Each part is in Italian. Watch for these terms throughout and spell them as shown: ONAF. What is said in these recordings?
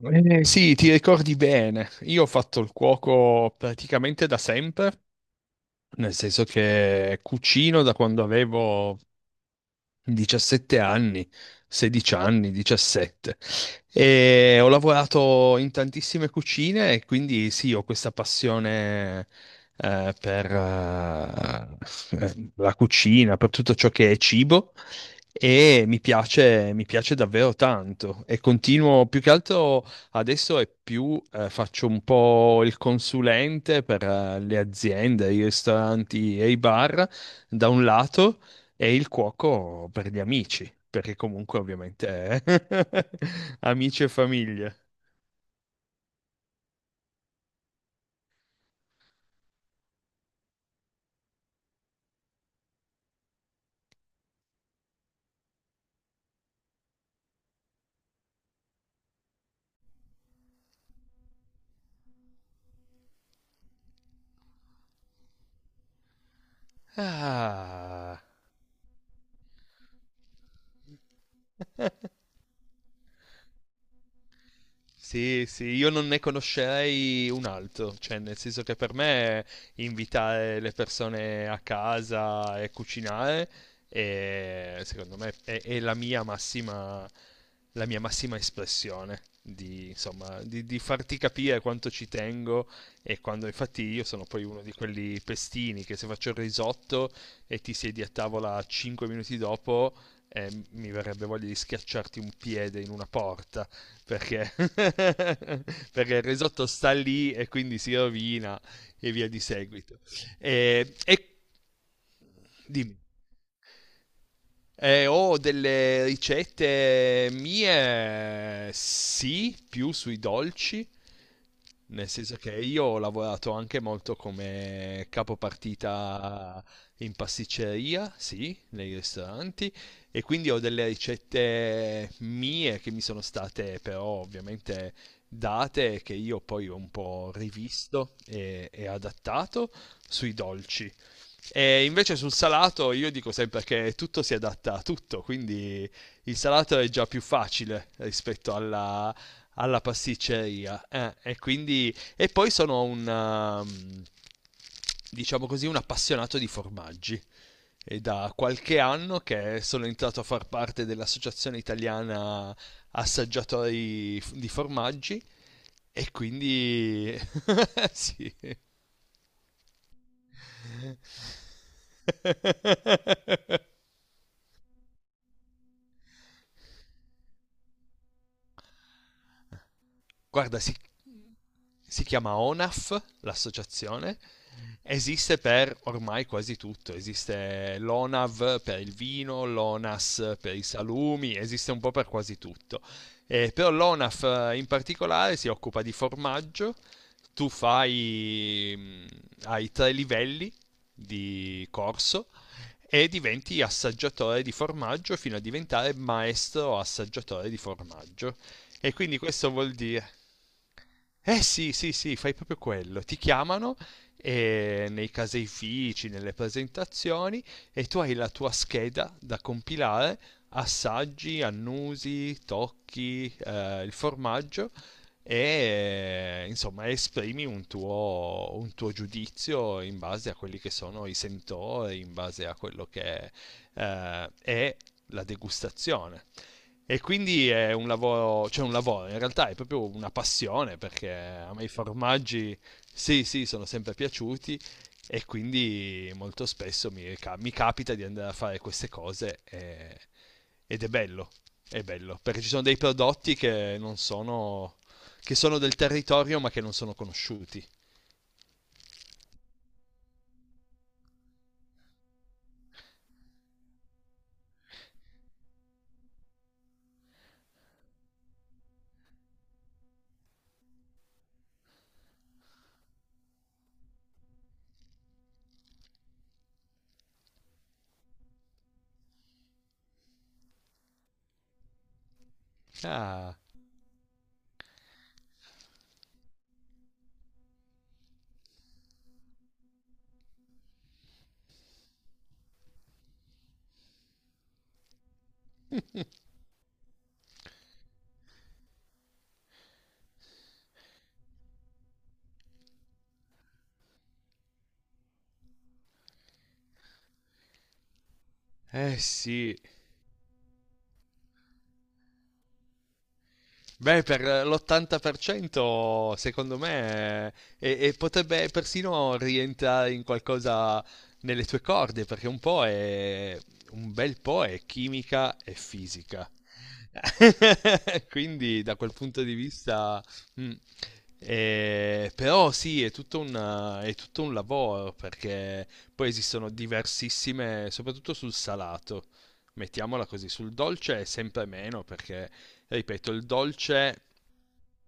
Sì, ti ricordi bene. Io ho fatto il cuoco praticamente da sempre, nel senso che cucino da quando avevo 17 anni, 16 anni, 17. E ho lavorato in tantissime cucine e quindi sì, ho questa passione per la cucina, per tutto ciò che è cibo e mi piace davvero tanto e continuo più che altro adesso è più faccio un po' il consulente per le aziende, i ristoranti e i bar da un lato e il cuoco per gli amici, perché comunque ovviamente è amici e famiglia. Ah. Sì, sì, io non ne conoscerei un altro, cioè nel senso che per me invitare le persone a casa e cucinare è, secondo me è la mia massima espressione di, insomma, di farti capire quanto ci tengo e quando infatti io sono poi uno di quelli pestini che se faccio il risotto e ti siedi a tavola 5 minuti dopo, mi verrebbe voglia di schiacciarti un piede in una porta perché, perché il risotto sta lì e quindi si rovina e via di seguito. E, e... Dimmi. Ho delle ricette mie, sì, più sui dolci, nel senso che io ho lavorato anche molto come capopartita in pasticceria, sì, nei ristoranti, e quindi ho delle ricette mie che mi sono state però ovviamente date, che io poi ho un po' rivisto e adattato sui dolci. E invece sul salato io dico sempre che tutto si adatta a tutto, quindi il salato è già più facile rispetto alla pasticceria. E poi sono diciamo così, un appassionato di formaggi. È da qualche anno che sono entrato a far parte dell'Associazione Italiana Assaggiatori di Formaggi, e quindi sì, guarda, si chiama ONAF, l'associazione, esiste per ormai quasi tutto, esiste l'ONAV per il vino, l'ONAS per i salumi, esiste un po' per quasi tutto. Però l'ONAF in particolare si occupa di formaggio, tu fai, mm, hai tre livelli di corso e diventi assaggiatore di formaggio fino a diventare maestro assaggiatore di formaggio. E quindi questo vuol dire eh sì, sì, sì, fai proprio quello. Ti chiamano nei caseifici, nelle presentazioni, e tu hai la tua scheda da compilare, assaggi, annusi, tocchi il formaggio, e insomma esprimi un tuo giudizio in base a quelli che sono i sentori, in base a quello che è la degustazione. E quindi è un lavoro, cioè un lavoro, in realtà è proprio una passione perché a me i formaggi, sì, sì, sono sempre piaciuti, e quindi molto spesso mi capita di andare a fare queste cose ed è bello, perché ci sono dei prodotti che non sono, che sono del territorio ma che non sono conosciuti. Ah. Eh sì, beh, per l'80% secondo me e potrebbe persino rientrare in qualcosa nelle tue corde, perché un bel po' è chimica e fisica. Quindi da quel punto di vista, mm, però sì, è tutto un lavoro perché poi esistono diversissime, soprattutto sul salato. Mettiamola così, sul dolce è sempre meno perché ripeto, il dolce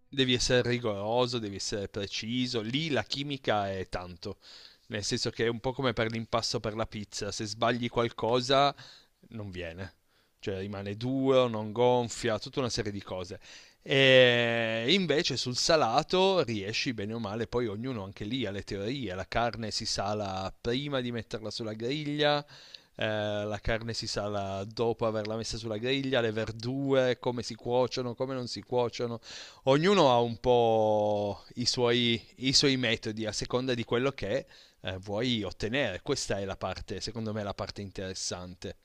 devi essere rigoroso, devi essere preciso, lì la chimica è tanto, nel senso che è un po' come per l'impasto per la pizza, se sbagli qualcosa non viene, cioè rimane duro, non gonfia, tutta una serie di cose. E invece sul salato riesci bene o male, poi ognuno anche lì ha le teorie, la carne si sala prima di metterla sulla griglia, la carne si sala dopo averla messa sulla griglia, le verdure, come si cuociono, come non si cuociono. Ognuno ha un po' i suoi metodi a seconda di quello che vuoi ottenere. Questa è la parte, secondo me, la parte interessante.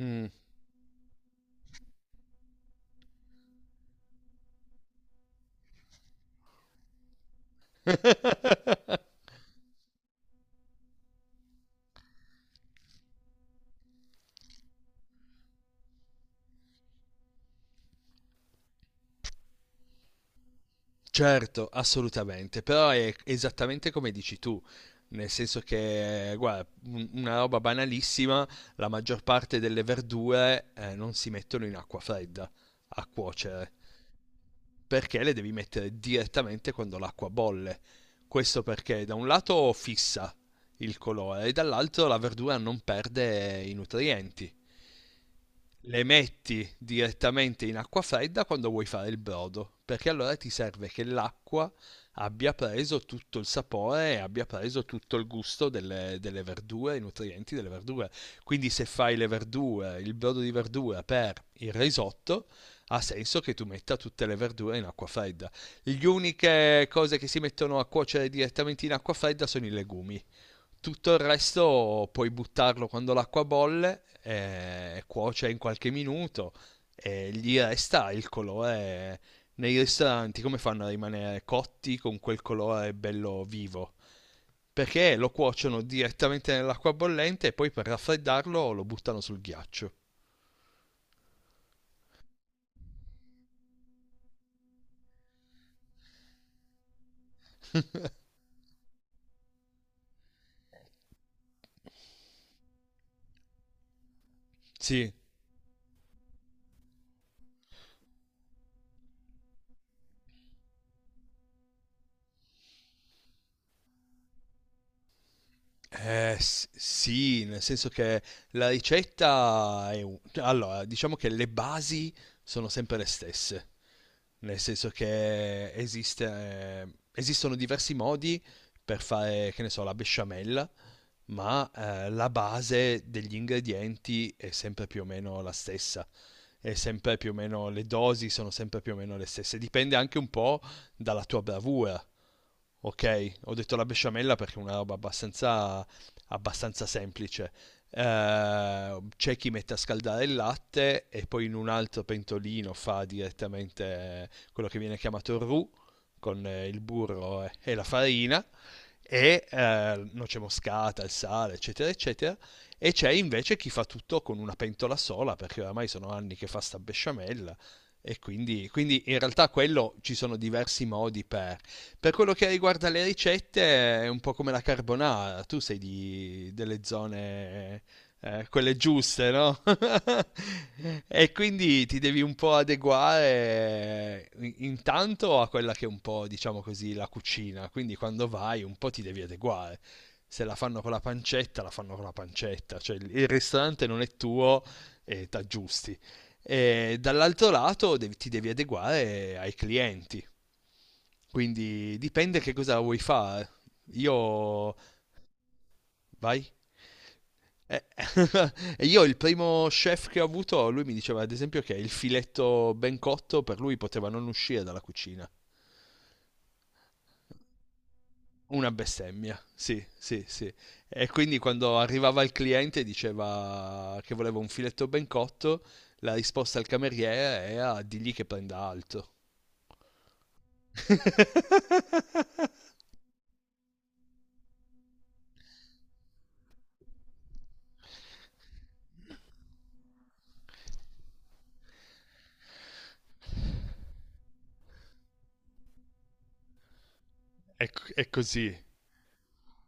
Mm. Certo, assolutamente, però è esattamente come dici tu, nel senso che, guarda, una roba banalissima, la maggior parte delle verdure non si mettono in acqua fredda a cuocere, perché le devi mettere direttamente quando l'acqua bolle. Questo perché da un lato fissa il colore e dall'altro la verdura non perde i nutrienti. Le metti direttamente in acqua fredda quando vuoi fare il brodo, perché allora ti serve che l'acqua abbia preso tutto il sapore e abbia preso tutto il gusto delle verdure, i nutrienti delle verdure. Quindi se fai le verdure, il brodo di verdura per il risotto, ha senso che tu metta tutte le verdure in acqua fredda. Le uniche cose che si mettono a cuocere direttamente in acqua fredda sono i legumi. Tutto il resto puoi buttarlo quando l'acqua bolle, e cuoce in qualche minuto e gli resta il colore. Nei ristoranti come fanno a rimanere cotti con quel colore bello vivo, perché lo cuociono direttamente nell'acqua bollente e poi per raffreddarlo lo buttano sul ghiaccio. Sì. Sì, nel senso che la ricetta è cioè, allora, diciamo che le basi sono sempre le stesse, nel senso che esiste, esistono diversi modi per fare, che ne so, la besciamella, ma la base degli ingredienti è sempre più o meno la stessa. È sempre più o meno, le dosi sono sempre più o meno le stesse. Dipende anche un po' dalla tua bravura. Ok, ho detto la besciamella perché è una roba abbastanza, abbastanza semplice. C'è chi mette a scaldare il latte e poi in un altro pentolino fa direttamente quello che viene chiamato roux con il burro e la farina e noce moscata, il sale, eccetera, eccetera. E c'è invece chi fa tutto con una pentola sola, perché oramai sono anni che fa sta besciamella. E quindi, in realtà quello ci sono diversi modi per. Per quello che riguarda le ricette, è un po' come la carbonara. Tu sei di, delle zone quelle giuste, no? E quindi ti devi un po' adeguare, intanto a quella che è un po', diciamo così, la cucina. Quindi quando vai un po' ti devi adeguare. Se la fanno con la pancetta, la fanno con la pancetta. Cioè il ristorante non è tuo e t'aggiusti. E dall'altro lato ti devi adeguare ai clienti. Quindi dipende che cosa vuoi fare. Io. Vai. Eh, e io il primo chef che ho avuto, lui mi diceva ad esempio che il filetto ben cotto per lui poteva non uscire dalla cucina. Una bestemmia, sì, sì, sì. E quindi quando arrivava il cliente e diceva che voleva un filetto ben cotto, la risposta al cameriere era: digli che prenda alto. È, è così.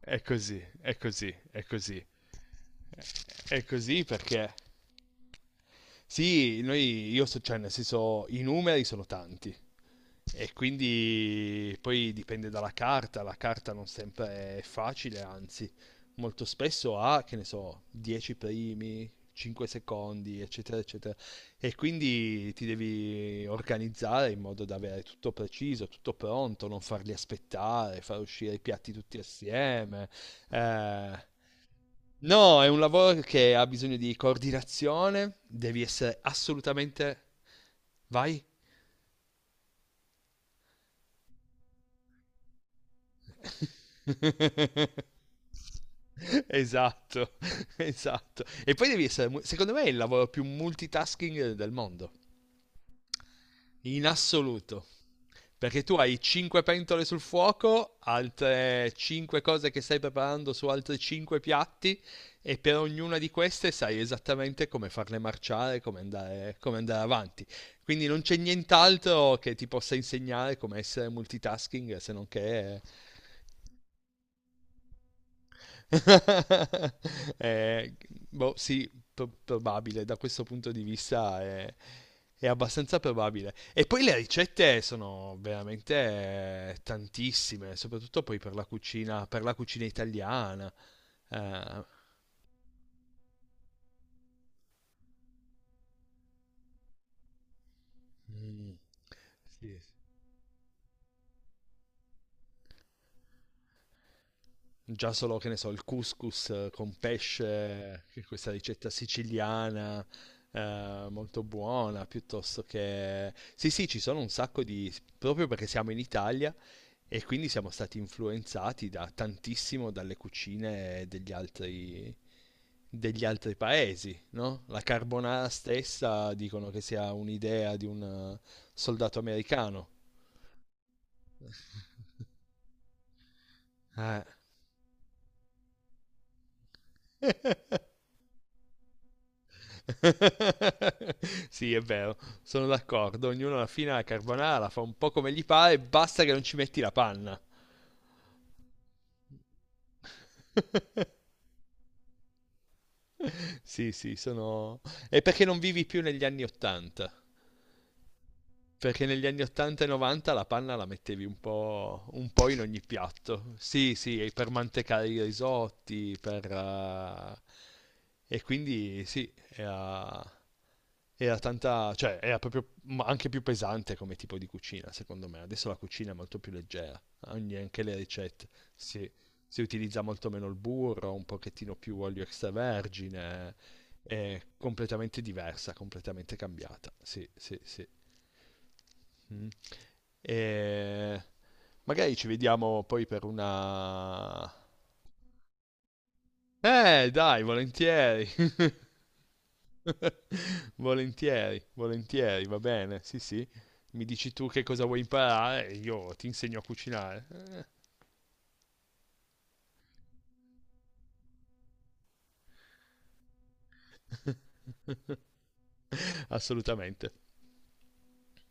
È così, è così, è così. È così perché, sì, noi, io so, cioè, nel senso, i numeri sono tanti. E quindi poi dipende dalla carta, la carta non sempre è facile, anzi, molto spesso ha, che ne so, 10 primi, 5 secondi, eccetera, eccetera, e quindi ti devi organizzare in modo da avere tutto preciso, tutto pronto, non farli aspettare, far uscire i piatti tutti assieme. Eh, No, è un lavoro che ha bisogno di coordinazione, devi essere assolutamente. Vai? Esatto, esatto. E poi devi essere, secondo me, è il lavoro più multitasking del mondo. In assoluto. Perché tu hai 5 pentole sul fuoco, altre 5 cose che stai preparando su altri 5 piatti, e per ognuna di queste sai esattamente come farle marciare, come andare avanti. Quindi non c'è nient'altro che ti possa insegnare come essere multitasking se non che Eh, boh, sì, probabile, da questo punto di vista è abbastanza probabile. E poi le ricette sono veramente tantissime, soprattutto poi per la cucina italiana. Eh, mm, sì, sì. Già solo, che ne so, il couscous con pesce, che è questa ricetta siciliana, molto buona, piuttosto che. Sì, sì, ci sono un sacco di proprio perché siamo in Italia e quindi siamo stati influenzati da tantissimo dalle cucine degli altri paesi, no? La carbonara stessa dicono che sia un'idea di un soldato americano. Eh. Sì, è vero, sono d'accordo. Ognuno alla fine la carbonara la fa un po' come gli pare, basta che non ci metti la panna. Sì, sì, sono. È perché non vivi più negli anni Ottanta. Perché negli anni 80 e 90 la panna la mettevi un po' in ogni piatto. Sì, sì, e per mantecare i risotti, E quindi sì, era tanta, cioè era proprio, ma anche più pesante come tipo di cucina, secondo me. Adesso la cucina è molto più leggera, anche le ricette. Si, si utilizza molto meno il burro, un pochettino più olio extravergine, è completamente diversa, completamente cambiata. Sì, sì, sì. Mm. E magari ci vediamo poi per una. Dai, volentieri. Volentieri, volentieri, va bene. Sì, sì. Mi dici tu che cosa vuoi imparare e io ti insegno a cucinare. Assolutamente.